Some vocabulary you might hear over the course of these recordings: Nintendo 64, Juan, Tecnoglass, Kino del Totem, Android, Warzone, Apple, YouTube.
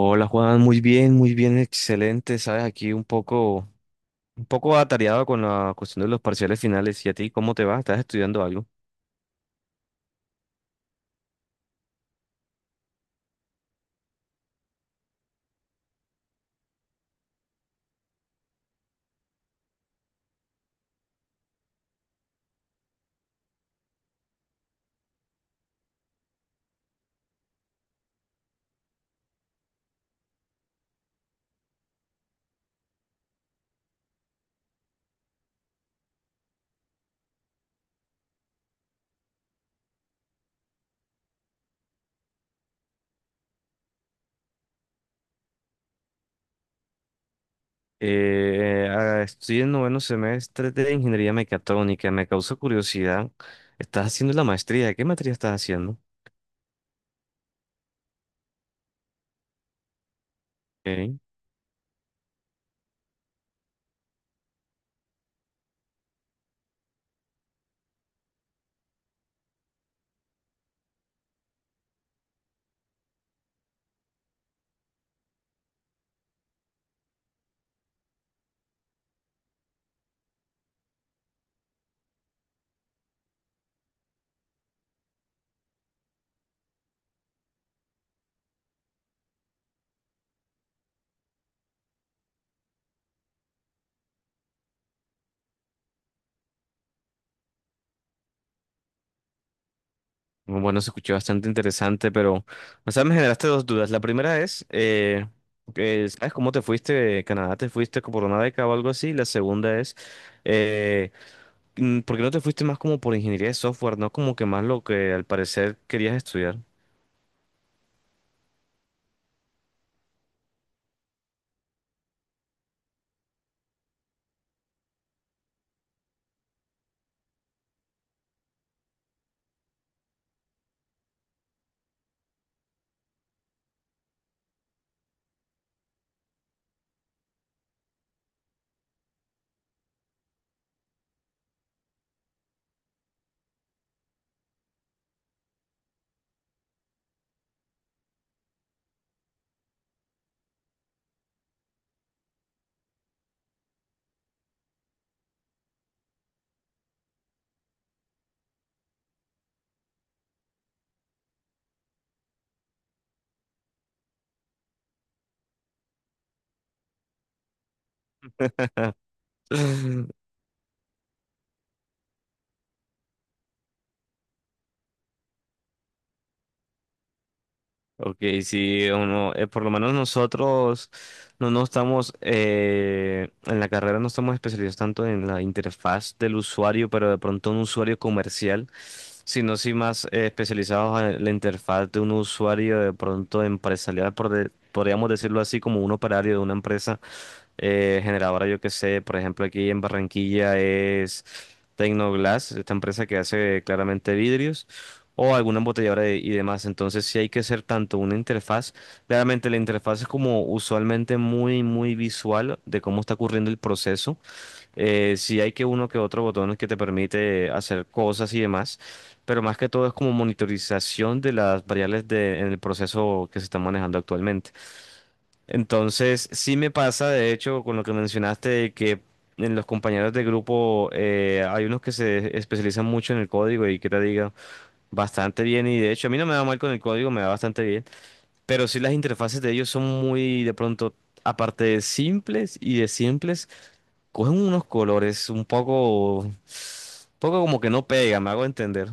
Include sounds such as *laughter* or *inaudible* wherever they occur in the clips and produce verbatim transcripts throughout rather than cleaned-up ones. Hola Juan, muy bien, muy bien, excelente. Sabes, aquí un poco, un poco atareado con la cuestión de los parciales finales. ¿Y a ti cómo te va? ¿Estás estudiando algo? Eh, ah, estoy en noveno semestre de ingeniería mecatrónica. Me causa curiosidad. ¿Estás haciendo la maestría? ¿Qué materia estás haciendo? Ok. Bueno, se escuchó bastante interesante, pero, o sea, me generaste dos dudas. La primera es, eh, que, ¿sabes cómo te fuiste de Canadá? ¿Te fuiste por una beca o algo así? La segunda es eh, Mm, ¿por qué no te fuiste más como por ingeniería de software, no como que más lo que al parecer querías estudiar? *laughs* Ok, sí, o no, eh, por lo menos nosotros no nos estamos, eh, en la carrera no estamos especializados tanto en la interfaz del usuario, pero de pronto un usuario comercial, sino sí más eh, especializados en la interfaz de un usuario de pronto empresarial, por de- podríamos decirlo así, como un operario de una empresa. Eh, generadora, yo que sé, por ejemplo, aquí en Barranquilla es Tecnoglass, esta empresa que hace claramente vidrios, o alguna embotelladora de- y demás. Entonces, sí hay que hacer tanto una interfaz, claramente la interfaz es como usualmente muy, muy visual de cómo está ocurriendo el proceso. Eh, sí hay que uno que otro botón que te permite hacer cosas y demás, pero más que todo es como monitorización de las variables de, en el proceso que se está manejando actualmente. Entonces, sí me pasa, de hecho, con lo que mencionaste, de que en los compañeros de grupo eh, hay unos que se especializan mucho en el código y que te digan bastante bien. Y de hecho, a mí no me va mal con el código, me va bastante bien. Pero sí las interfaces de ellos son muy, de pronto, aparte de simples y de simples, cogen unos colores un poco, poco como que no pegan, me hago entender.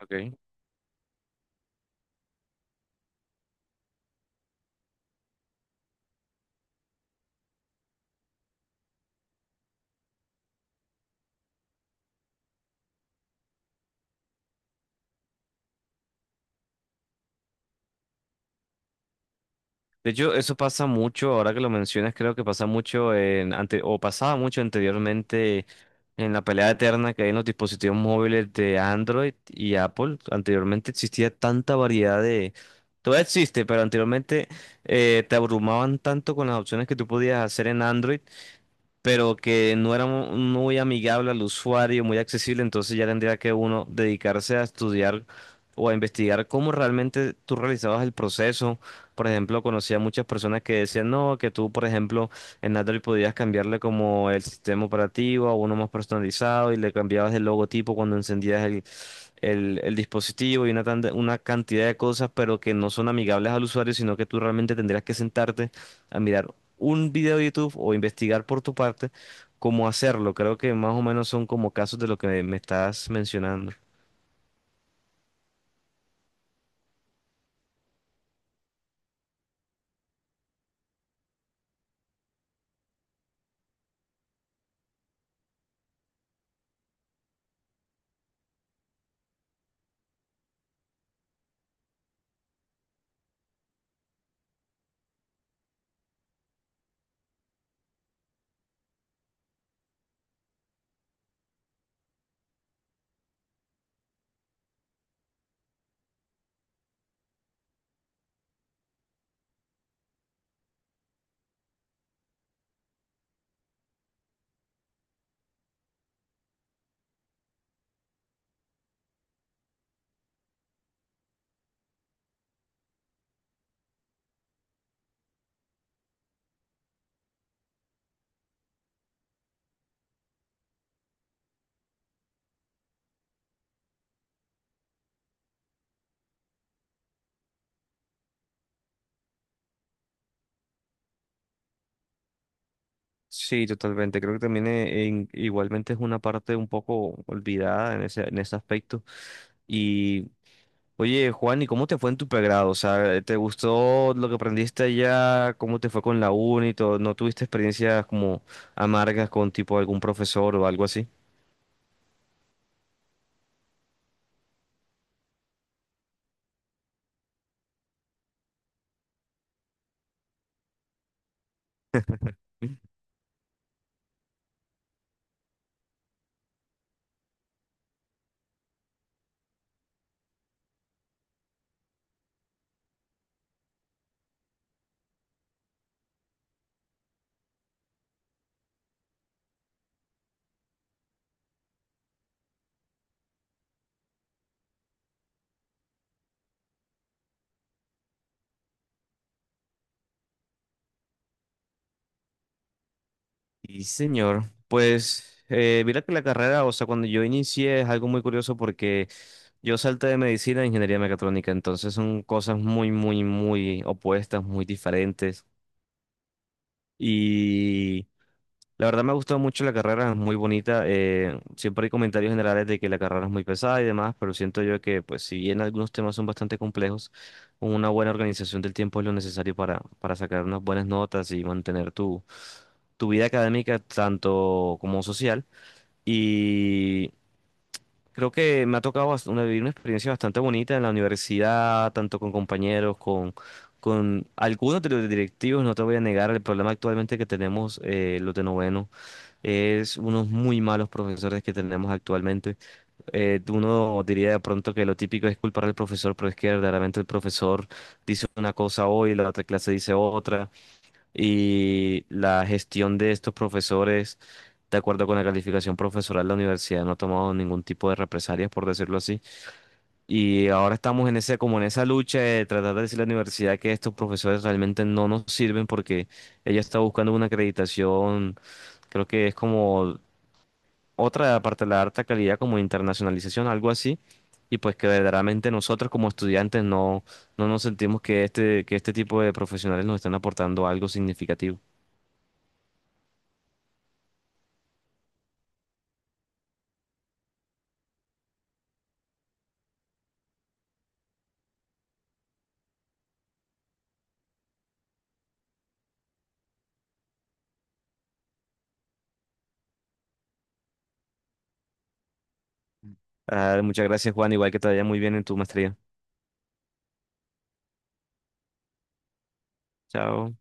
Ok. De hecho, eso pasa mucho, ahora que lo mencionas, creo que pasa mucho en ante, o pasaba mucho anteriormente en la pelea eterna que hay en los dispositivos móviles de Android y Apple. Anteriormente existía tanta variedad de, todavía existe, pero anteriormente eh, te abrumaban tanto con las opciones que tú podías hacer en Android pero que no era mu- muy amigable al usuario, muy accesible, entonces ya tendría que uno dedicarse a estudiar o a investigar cómo realmente tú realizabas el proceso. Por ejemplo, conocía muchas personas que decían, no, que tú, por ejemplo, en Android podías cambiarle como el sistema operativo a uno más personalizado y le cambiabas el logotipo cuando encendías el el, el dispositivo y una, tanda- una cantidad de cosas, pero que no son amigables al usuario, sino que tú realmente tendrías que sentarte a mirar un video de YouTube o investigar por tu parte cómo hacerlo. Creo que más o menos son como casos de lo que me, me estás mencionando. Sí, totalmente. Creo que también eh, en- igualmente es una parte un poco olvidada en ese, en ese aspecto. Y oye, Juan, ¿y cómo te fue en tu pregrado? O sea, ¿te gustó lo que aprendiste allá? ¿Cómo te fue con la uni y todo? ¿No tuviste experiencias como amargas con tipo algún profesor o algo así? Y señor, pues eh, mira que la carrera, o sea, cuando yo inicié es algo muy curioso porque yo salté de medicina a ingeniería mecatrónica, entonces son cosas muy, muy, muy opuestas, muy diferentes. Y La verdad me ha gustado mucho la carrera, es muy bonita. Eh, siempre hay comentarios generales de que la carrera es muy pesada y demás, pero siento yo que, pues, si bien algunos temas son bastante complejos, una buena organización del tiempo es lo necesario para, para sacar unas buenas notas y mantener tu, tu vida académica tanto como social. Y creo que me ha tocado bast- una, vivir una experiencia bastante bonita en la universidad, tanto con compañeros, con, con algunos de los directivos, no te voy a negar el problema actualmente que tenemos eh, los de noveno es unos muy malos profesores que tenemos actualmente. Eh, uno diría de pronto que lo típico es culpar al profesor, pero es que verdaderamente el profesor dice una cosa hoy, la otra clase dice otra, y la gestión de estos profesores, de acuerdo con la calificación profesoral, la universidad no ha tomado ningún tipo de represalias, por decirlo así. Y ahora estamos en ese, como en esa lucha de tratar de decirle a la universidad que estos profesores realmente no nos sirven porque ella está buscando una acreditación, creo que es como otra, aparte de la alta calidad, como internacionalización, algo así, y pues que verdaderamente nosotros como estudiantes no, no nos sentimos que este, que este tipo de profesionales nos están aportando algo significativo. Ah, muchas gracias, Juan, igual que te vaya muy bien en tu maestría. Chao.